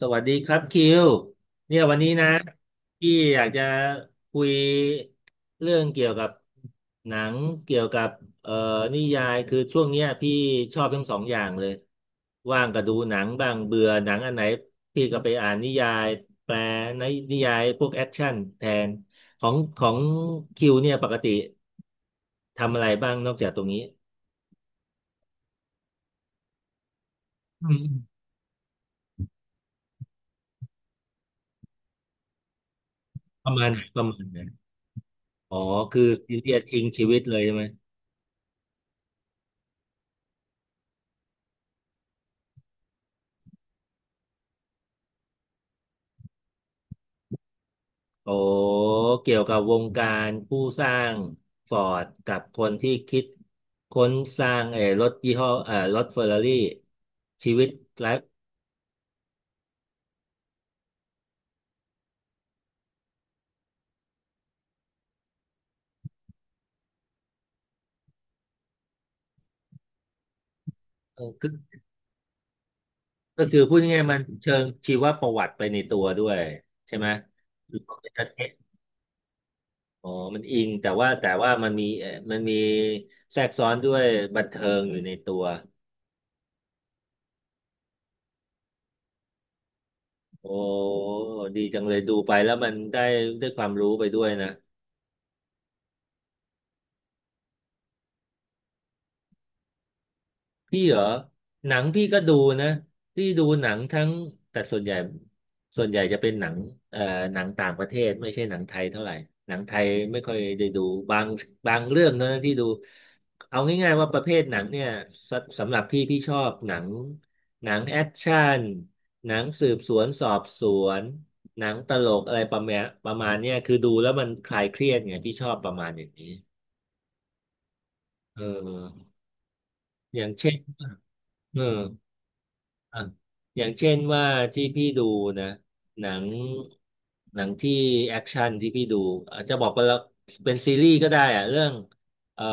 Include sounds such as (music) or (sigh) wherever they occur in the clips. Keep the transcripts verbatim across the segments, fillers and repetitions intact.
สวัสดีครับคิวเนี่ยวันนี้นะพี่อยากจะคุยเรื่องเกี่ยวกับหนังเกี่ยวกับเอ่อนิยายคือช่วงเนี้ยพี่ชอบทั้งสองอย่างเลยว่างก็ดูหนังบ้างเบื่อหนังอันไหนพี่ก็ไปอ่านนิยายแปลในนิยายพวกแอคชั่นแทนของของคิวเนี่ยปกติทำอะไรบ้างนอกจากตรงนี้อืมประมาณไหนประมาณไหนอ๋อคือซีเรียสอิงชีวิตเลยใช่ไหม โอ้เกี่ยวกับวงการผู้สร้างฟอร์ดกับคนที่คิดค้นสร้างเออรถยี่ห้อเออรถเฟอร์รารี่ชีวิตไลฟ์เออก็ก็คือพูดง่ายๆมันเชิงชีวประวัติไปในตัวด้วยใช่ไหมหรือว่าเป็นประเทศอ๋อมันอิงแต่ว่าแต่ว่ามันมีเอ่อมันมีแทรกซ้อนด้วยบันเทิงอยู่ในตัวโอ้ดีจังเลยดูไปแล้วมันได้ได้ความรู้ไปด้วยนะ พี่เหรอหนังพี่ก็ดูนะพี่ดูหนังทั้งแต่ส่วนใหญ่ส่วนใหญ่จะเป็นหนังเอ่อหนังต่างประเทศไม่ใช่หนังไทยเท่าไหร่หนังไทยไม่ค่อยได้ดูบางบางเรื่องเท่านั้นที่ดูเอาง่ายๆว่าประเภทหนังเนี่ยสสำหรับพี่พี่ชอบหนังหนังแอคชั่นหนังสืบสวนสอบสวนหนังตลกอะไรประมาณประมาณเนี้ยคือดูแล้วมันคลายเครียดไงพี่ชอบประมาณอย่างนี้เอออย่างเช่นเออ อ่ะอย่างเช่นว่าที่พี่ดูนะหนังหนังที่แอคชั่นที่พี่ดูอาจจะบอกไปแล้วเป็นซีรีส์ก็ได้อะเรื่องเอ่อ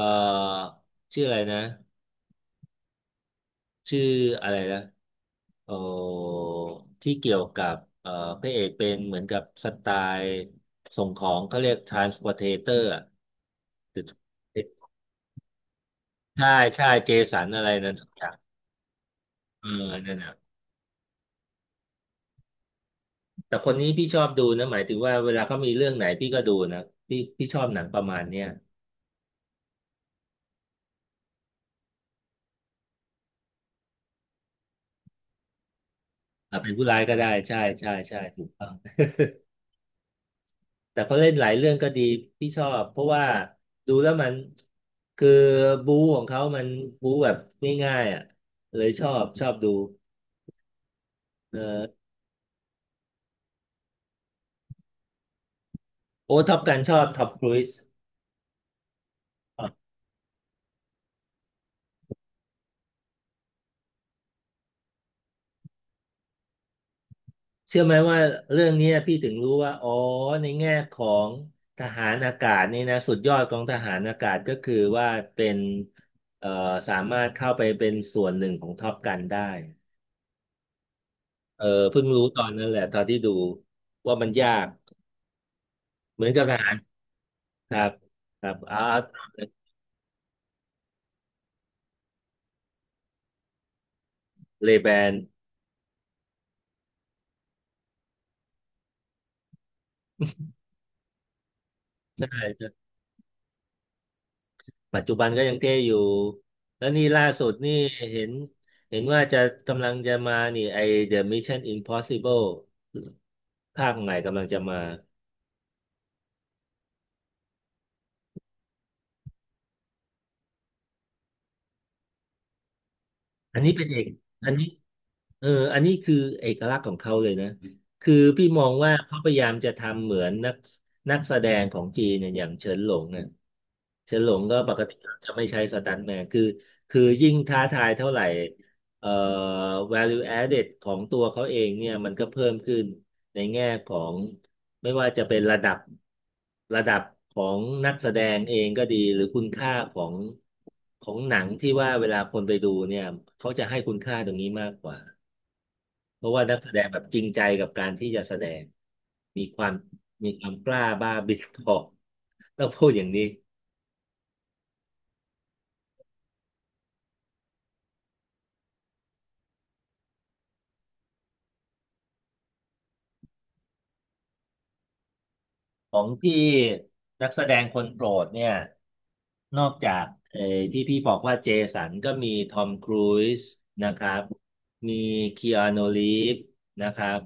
ชื่ออะไรนะชื่ออะไรนะเอ่อที่เกี่ยวกับเอ่อพระเอกเป็นเหมือนกับสไตล์ส่งของเขาเรียกทรานสปอ r t เตอร์อ่ะใช่ใช่เจสันอะไรนั่นทุกอย่างเออนั่นนะ แต่คนนี้พี่ชอบดูนะหมายถึงว่าเวลาเขามีเรื่องไหนพี่ก็ดูนะพี่พี่ชอบหนังประมาณเนี้ยอ่ะเป็นผู้ร้ายก็ได้ใช่ใช่ใช่ถูกต้องแต่เขาเล่นหลายเรื่องก็ดีพี่ชอบเพราะว่าดูแล้วมันคือบู๊ของเขามันบู๊แบบง่ายๆอ่ะเลยชอบชอบดูเออโอ้ท็อปกันชอบท็อปครูซ เชื่อไหมว่าเรื่องเนี้ยพี่ถึงรู้ว่าอ๋อในแง่ของทหารอากาศนี่นะสุดยอดของทหารอากาศก็คือว่าเป็นเอ่อสามารถเข้าไปเป็นส่วนหนึ่งของท็อปกันได้เออเพิ่งรู้ตอนนั้นแหละตอนที่ดูว่ามันยากเหมือนกับทหารครับครับอาร์ตเลแบนใช่ ปัจจุบันก็ยังเท่อยู่ แล้วนี่ล่าสุดนี่เห็นเห็นว่าจะกำลังจะมานี่ไอ The Mission Impossible ภาคใหม่กำลังจะมา อันนี้เป็นเอกอันนี้ เอออันนี้คือเอกลักษณ์ของเขาเลยนะคือพี่มองว่าเขาพยายามจะทำเหมือนนักนักแสดงของจีนเนี่ยอย่างเฉินหลงเนี่ยเฉินหลงก็ปกติจะไม่ใช้สตันต์แมนคือคือยิ่งท้าทายเท่าไหร่เอ่อ value added ของตัวเขาเองเนี่ยมันก็เพิ่มขึ้นในแง่ของไม่ว่าจะเป็นระดับระดับของนักแสดงเองก็ดีหรือคุณค่าของของหนังที่ว่าเวลาคนไปดูเนี่ยเขาจะให้คุณค่าตรงนี้มากกว่า เพราะว่านักแสดงแบบจริงใจกับการที่จะแสดงมีความมีความกล้าบ้าบิดทอกต้องพูดอย่างนี้ของพี่นักแสดงคนโปรดเนี่ยนอกจากเอ่อที่พี่บอกว่าเจสันก็มีทอมครูซนะครับมีคีอานูรีฟนะครับ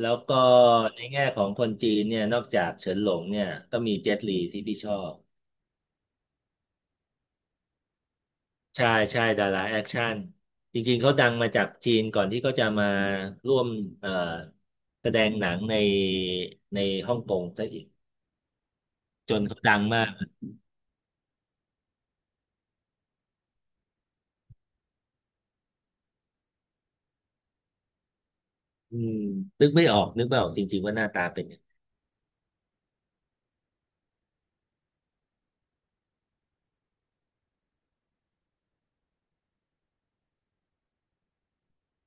แล้วก็ในแง่ของคนจีนเนี่ยนอกจากเฉินหลงเนี่ยก็มีเจ็ตลีที่พี่ชอบ ใช่ใช่ดาราแอคชั่นจริงๆเขาดังมาจากจีนก่อนที่เขาจะมาร่วมเอ่อแสดงหนังในในฮ่องกงซะอีกจนเขาดังมากอืมนึกไม่ออกนึกไม่ออกจริงๆว่าหน้าตาเป็นยังไง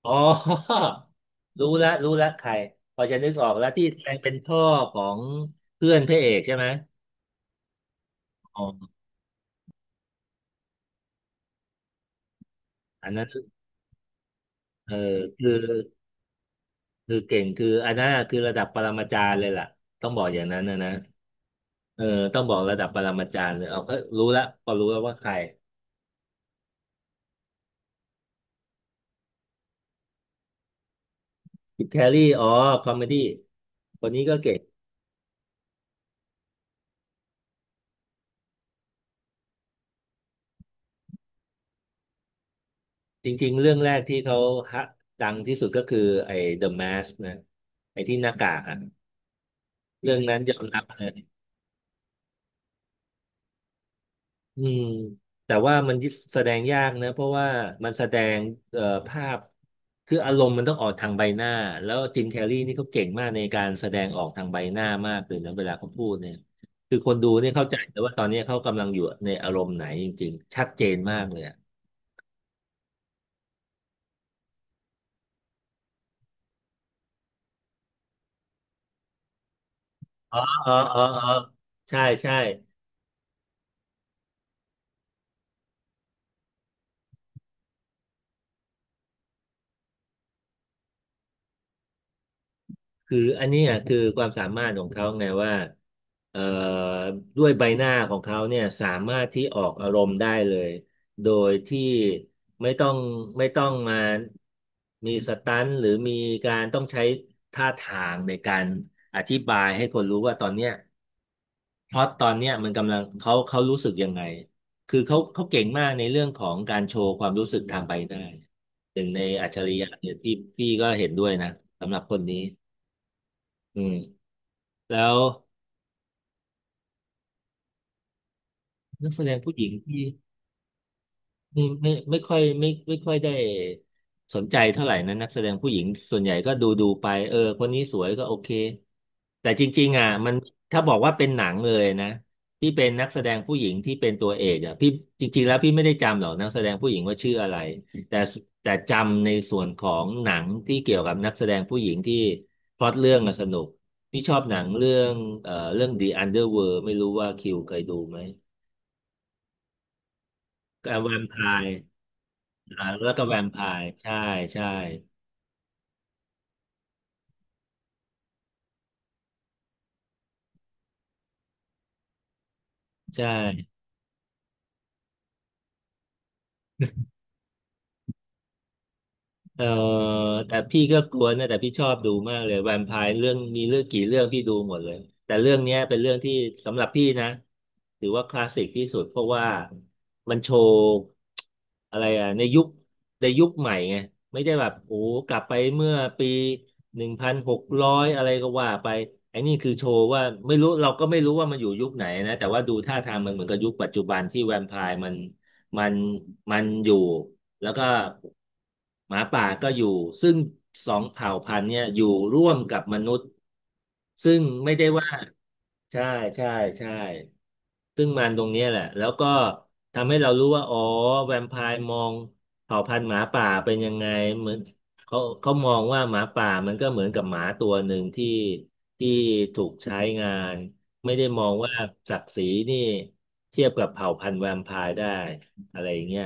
อ๋อ (laughs) รู้ละรู้ละใครพอจะนึกออกแล้วที่แสดงเป็นพ่อของเพื่อนพระเอกใช่ไหมอ๋ออันนั้นเออคือคือเก่งคืออันนั้นคือระดับปรมาจารย์เลยล่ะต้องบอกอย่างนั้นนะนะ เออต้องบอกระดับปรมาจารย์เลยเอาก็รู้แล้วพอรู้แล้วว่าใครจิบแครรี่อ๋อคอมเมดี้คนนี้ก็เก่งจริงๆเรื่องแรกที่เขาฮะดังที่สุดก็คือไอ้ The Mask นะไอ้ที่หน้ากากอะเรื่องนั้นยอมรับเลย อืมแต่ว่ามันแสดงยากนะเพราะว่ามันแสดงเอ่อภาพคืออารมณ์มันต้องออกทางใบหน้าแล้วจิมแคร์รีนี่เขาเก่งมากในการแสดงออกทางใบหน้ามากเลยนะเวลาเขาพูดเนี่ยคือคนดูเนี่ยเข้าใจแต่ว่าตอนนี้เขากำลังอยู่ในอารมณ์ไหนจริงๆชัดเจนมากเลยอะอ๋ออ๋ออ๋ออ๋อใช่ใช่ คืออันเนี้ยคือความสามารถของเขาไงว่าเอ่อด้วยใบหน้าของเขาเนี่ยสามารถที่ออกอารมณ์ได้เลยโดยที่ไม่ต้องไม่ต้องมามีสตันท์หรือมีการต้องใช้ท่าทางในการอธิบายให้คนรู้ว่าตอนเนี้ยเพราะตตอนเนี้ยมันกำลังเขาเขารู้สึกยังไงคือเขาเขาเก่งมากในเรื่องของการโชว์ความรู้สึกทางใบหน้าหนึ่งในอัจฉริยะเนี่ยที่พี่ก็เห็นด้วยนะสำหรับคนนี้อืม แล้วนักแสดงผู้หญิงที่ไม่ไม่ไม่ค่อยไม่ไม่ค่อยได้สนใจเท่าไหร่นะนักแสดงผู้หญิงส่วนใหญ่ก็ดูดูไปเออคนนี้สวยก็โอเคแต่จริงๆอ่ะมันถ้าบอกว่าเป็นหนังเลยนะที่เป็นนักแสดงผู้หญิงที่เป็นตัวเอกอ่ะพี่จริงๆแล้วพี่ไม่ได้จำหรอกนักแสดงผู้หญิงว่าชื่ออะไรแต่แต่จำในส่วนของหนังที่เกี่ยวกับนักแสดงผู้หญิงที่พล็อตเรื่องอะสนุกพี่ชอบหนังเรื่องเอ่อเรื่อง The Underworld ไม่รู้ว่าคิวเคยดูไหม กับแวมไพร์อ่าแล้วก็แวมไพร์ใช่ใช่ใช่ เออแต่พี่ก็กลัวนะแต่พี่ชอบดูมากเลยแวมไพร์เรื่องมีเรื่องกี่เรื่องพี่ดูหมดเลยแต่เรื่องเนี้ยเป็นเรื่องที่สำหรับพี่นะถือว่าคลาสสิกที่สุดเพราะว่ามันโชว์อะไรอ่ะในยุคในยุคใหม่ไงไม่ได้แบบโอ้กลับไปเมื่อปีหนึ่งพันหกร้อยอะไรก็ว่าไปไอ้นี่คือโชว์ว่าไม่รู้เราก็ไม่รู้ว่ามันอยู่ยุคไหนนะแต่ว่าดูท่าทางมันเหมือนกับยุคปัจจุบันที่แวมไพร์มันมันมันอยู่ แล้วก็หมาป่าก็อยู่ซึ่งสองเผ่าพันธุ์เนี่ยอยู่ร่วมกับมนุษย์ซึ่งไม่ได้ว่าใช่ใช่ใช่ซึ่งมันตรงเนี้ยแหละแล้วก็ทำให้เรารู้ว่าอ๋อแวมไพร์มองเผ่าพันธุ์หมาป่าเป็นยังไงเหมือนเขาเขามองว่าหมาป่ามันก็เหมือนกับหมาตัวหนึ่งที่ที่ถูกใช้งานไม่ได้มองว่าศักดิ์ศรีนี่เทียบกับเผ่าพันธุ์แวมไพร์ได้อะไรอย่างเงี้ย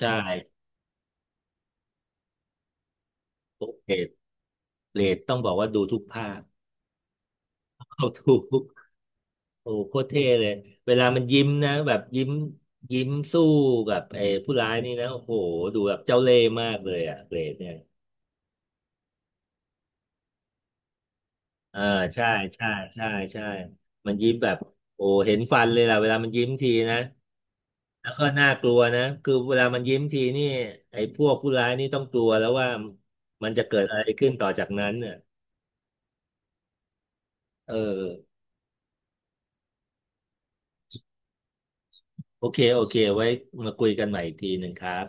ใช่ โอเคดเรดต้องบอกว่าดูทุกภาคเอาทุกโอ้โหคตรเท่เลย เวลามันยิ้มนะแบบยิ้มยิ้มสู้กับไอ้ผู้ร้ายนี่นะโอ้โหดูแบบเจ้าเล่ห์มากเลยอะเรดเนี่ยเออใช่ใช่ใช่ใช่มันยิ้มแบบโอ้เห็นฟันเลยล่ะเวลามันยิ้มทีนะแล้วก็น่ากลัวนะคือเวลามันยิ้มทีนี่ไอ้พวกผู้ร้ายนี่ต้องกลัวแล้วว่ามันจะเกิดอะไรขึ้นต่อจากนั้นเน่ะเออโอเคโอเคไว้มาคุยกันใหม่อีกทีหนึ่งครับ